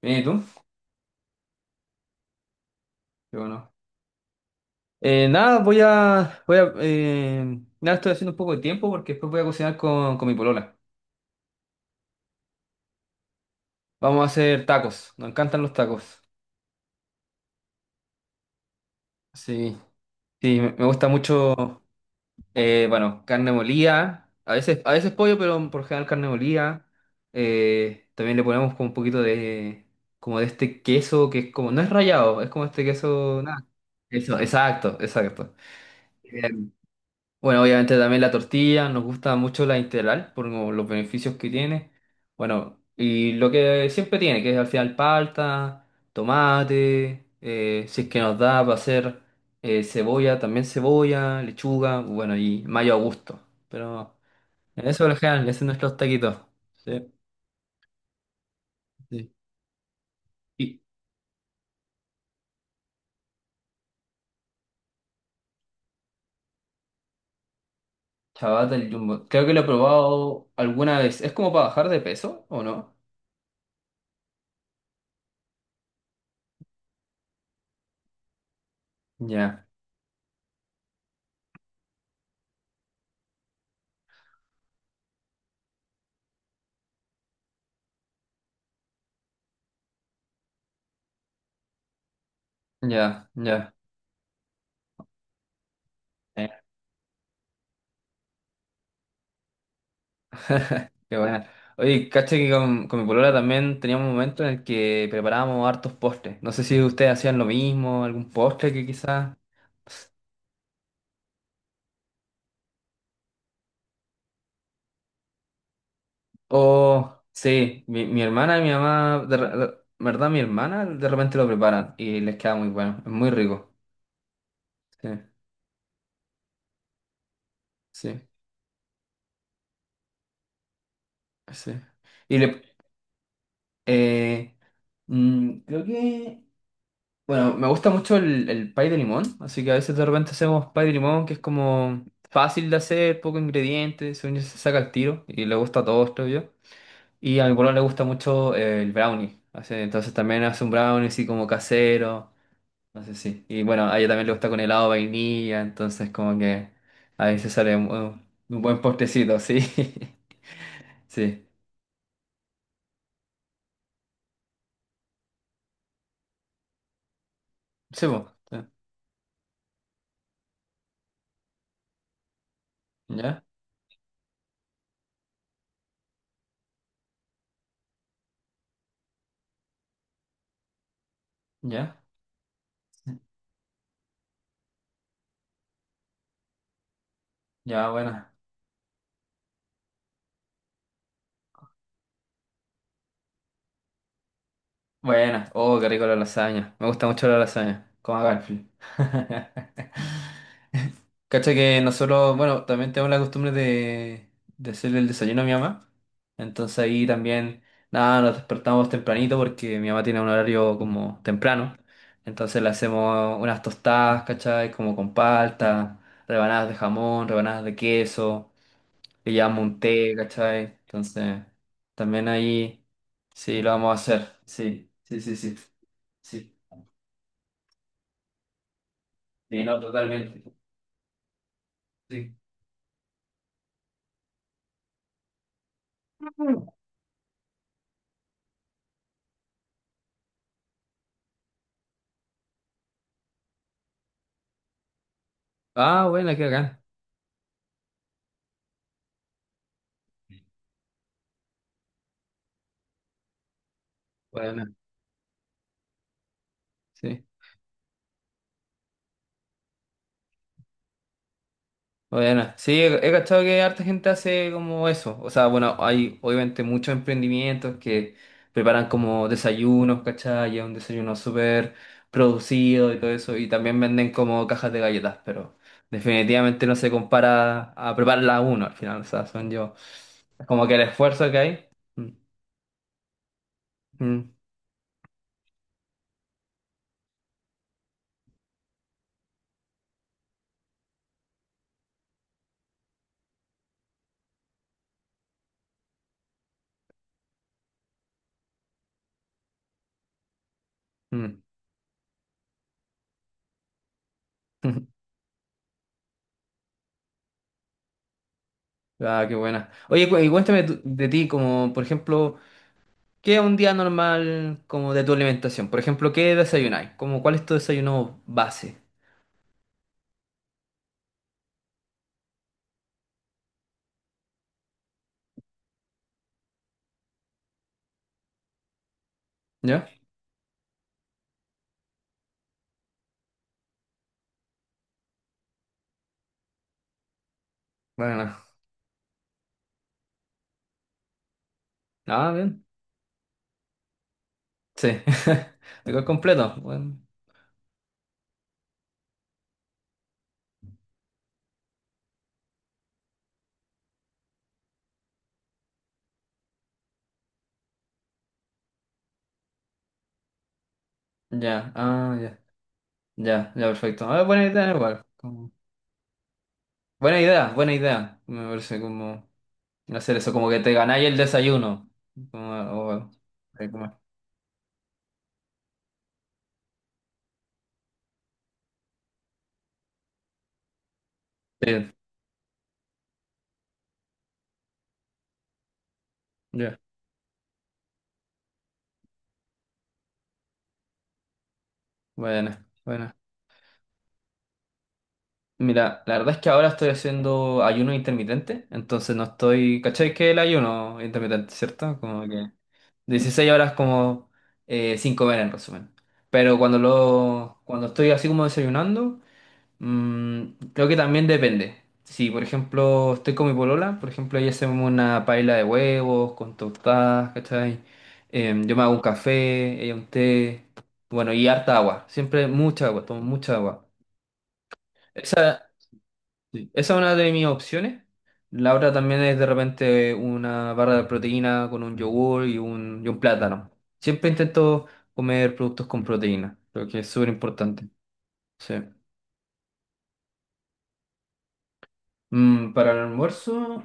Bien, ¿y tú? Qué bueno. Nada, estoy haciendo un poco de tiempo porque después voy a cocinar con mi polola. Vamos a hacer tacos, nos encantan los tacos. Sí, sí, me gusta mucho, bueno, carne molida, a veces pollo, pero por lo general carne molida. También le ponemos como un poquito de, como de este queso que es como, no es rallado, es como este queso, nada. Eso, exacto, exacto. Bueno, obviamente también la tortilla, nos gusta mucho la integral por como los beneficios que tiene. Bueno, y lo que siempre tiene, que es al final palta, tomate, si es que nos da para hacer cebolla, también cebolla, lechuga, bueno, y mayo a gusto. Pero en eso, en general, ese es nuestros taquitos. Sí. Sí. Y chabata el jumbo, creo que lo he probado alguna vez. ¿Es como para bajar de peso o no? Ya, ya, ya. Qué buena. Oye, caché que con mi polola también teníamos un momento en el que preparábamos hartos postres. No sé si ustedes hacían lo mismo, algún postre que quizás. O sí, mi hermana y mi mamá, ¿verdad? Mi hermana de repente lo preparan y les queda muy bueno, es muy rico. Sí, sí, sí. Y le, eh, mm, creo que Bueno, me gusta mucho el pie de limón, así que a veces de repente hacemos pie de limón, que es como fácil de hacer, poco ingredientes, según yo se saca el tiro y le gusta a todos, creo yo. Y a mi polola le gusta mucho el brownie, entonces también hace un brownie así como casero, no sé si. Y bueno, a ella también le gusta con helado de vainilla, entonces como que a veces sale un buen postrecito, sí. Sí. Sí, po. Sí. ¿Ya? ¿Ya? Ya, bueno. Buena. Oh, qué rico la lasaña. Me gusta mucho la lasaña. Como a Garfield. Cacha que nosotros, bueno, también tenemos la costumbre de hacerle el desayuno a mi mamá. Entonces ahí también, nada, nos despertamos tempranito porque mi mamá tiene un horario como temprano. Entonces le hacemos unas tostadas, ¿cachai? Como con palta, rebanadas de jamón, rebanadas de queso, le llevamos un té, ¿cachai? Entonces también ahí sí lo vamos a hacer. Sí, sí, sí, sí. Sí, sí, no, totalmente. Sí. Ah, bueno, qué bacán. Bueno, sí. Bueno, sí, he cachado que harta gente hace como eso. O sea, bueno, hay obviamente muchos emprendimientos que preparan como desayunos, ¿cachai? Y es un desayuno súper producido y todo eso. Y también venden como cajas de galletas, pero definitivamente no se compara a prepararla uno al final. O sea, son yo. Como que el esfuerzo que hay. Mm, mm, mm. Ah, qué buena. Oye, y cuéntame de ti, como por ejemplo, ¿qué es un día normal como de tu alimentación? Por ejemplo, ¿qué desayunáis? Como, ¿cuál es tu desayuno base? ¿Ya? Bueno, ah, bien. Sí. Igual completo. Bueno, ya, ah, ya. Ya, ya, perfecto. Ah, buena idea, igual. Buena idea, buena idea. Me parece como hacer eso, como que te ganáis el desayuno. Como, o- ahí como- Sí, ya. Bueno, bueno. Mira, la verdad es que ahora estoy haciendo ayuno intermitente, entonces no estoy, ¿cachai? Que el ayuno intermitente, ¿cierto? Como que 16 horas como sin comer en resumen. Pero cuando estoy así como desayunando, mm, creo que también depende. Si, por ejemplo, estoy con mi polola, por ejemplo, ahí hacemos una paella de huevos con tostadas, ¿cachai? Yo me hago un café, ella un té, bueno, y harta agua, siempre mucha agua, tomo mucha agua. Esa Sí, Esa es una de mis opciones. La otra también es de repente una barra de proteína con un yogur y y un plátano. Siempre intento comer productos con proteína, creo que es súper importante. Sí. Mm, para el almuerzo,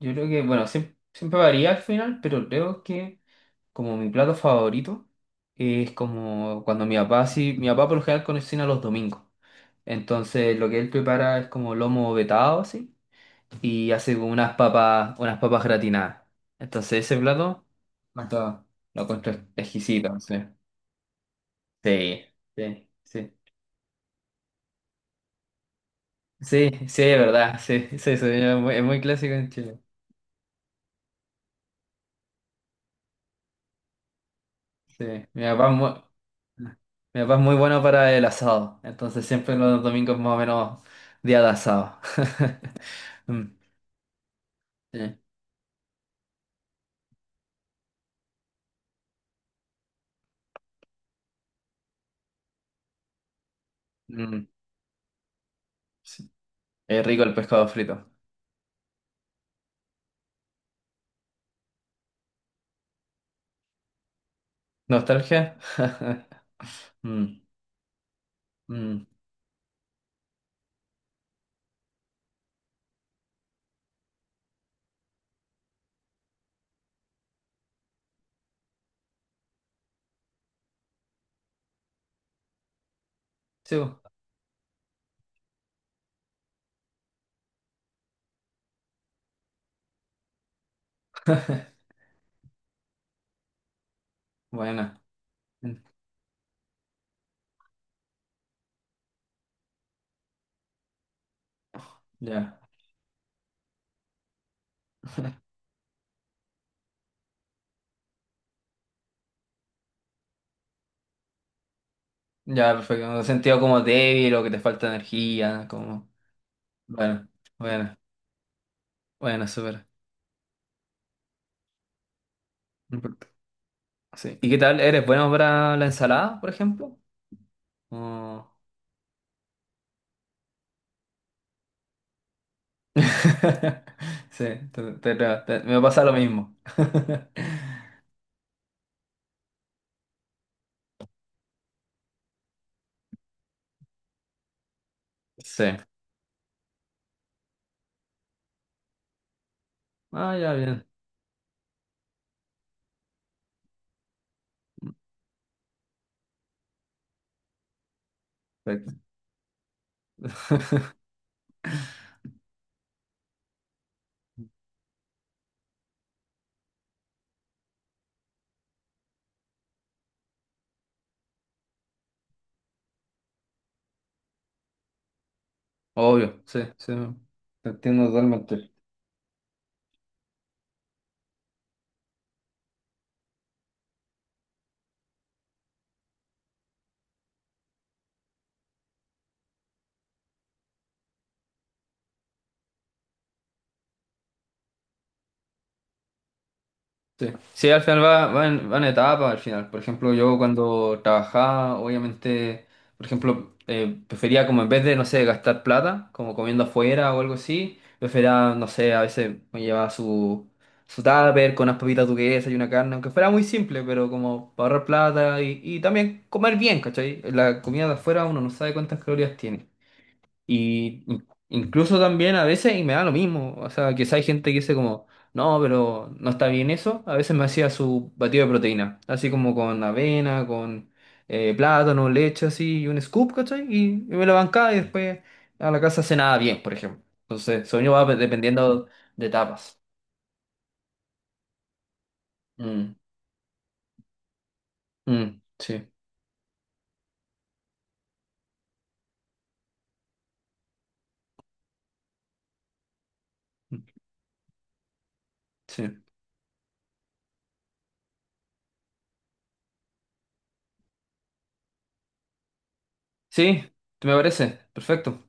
yo creo que, bueno, siempre, varía al final, pero creo que como mi plato favorito es como cuando mi papá, sí, mi papá por lo general cocina los domingos. Entonces lo que él prepara es como lomo vetado, así y hace como unas papas gratinadas. Entonces ese plato más lo encuentro exquisito. Sí, sí, sí. Sí, sí, sí, es verdad, sí, sí, sí, es muy clásico en Chile. Sí, mi papá es muy, mi papá es muy bueno para el asado, entonces siempre los domingos más o menos día de asado. Mm, sí, mm, sí. Es rico el pescado frito. ¿Nostalgia? Mm, mm, sí. Bueno, mm, ya. Ya, perfecto. No sentido como débil o que te falta energía, como... Bueno, bueno, bueno, súper. Perfecto. Sí. ¿Y qué tal? ¿Eres bueno para la ensalada, por ejemplo? O- Sí, me pasa lo mismo. Sí. Ah, ya, bien. Perfecto. Obvio, sí, sí. Te entiendo totalmente. Sí, sí, al final va, va en etapa, al final. Por ejemplo, yo cuando trabajaba, obviamente, por ejemplo, prefería como en vez de, no sé, gastar plata, como comiendo afuera o algo así, prefería, no sé, a veces me llevaba su tupper con unas papitas duquesas y una carne, aunque fuera muy simple, pero como para ahorrar plata y también comer bien, ¿cachai? La comida de afuera uno no sabe cuántas calorías tiene. Y incluso también a veces, y me da lo mismo, o sea, quizá hay gente que dice como, no, pero no está bien eso, a veces me hacía su batido de proteína, así como con avena, con plátano, leche, así, y un scoop, ¿cachai? Y me lo bancaba y después a la casa cenaba bien, por ejemplo. Entonces, sueño va dependiendo de etapas. Mm, mm, sí, mm, sí. Sí, me parece, perfecto.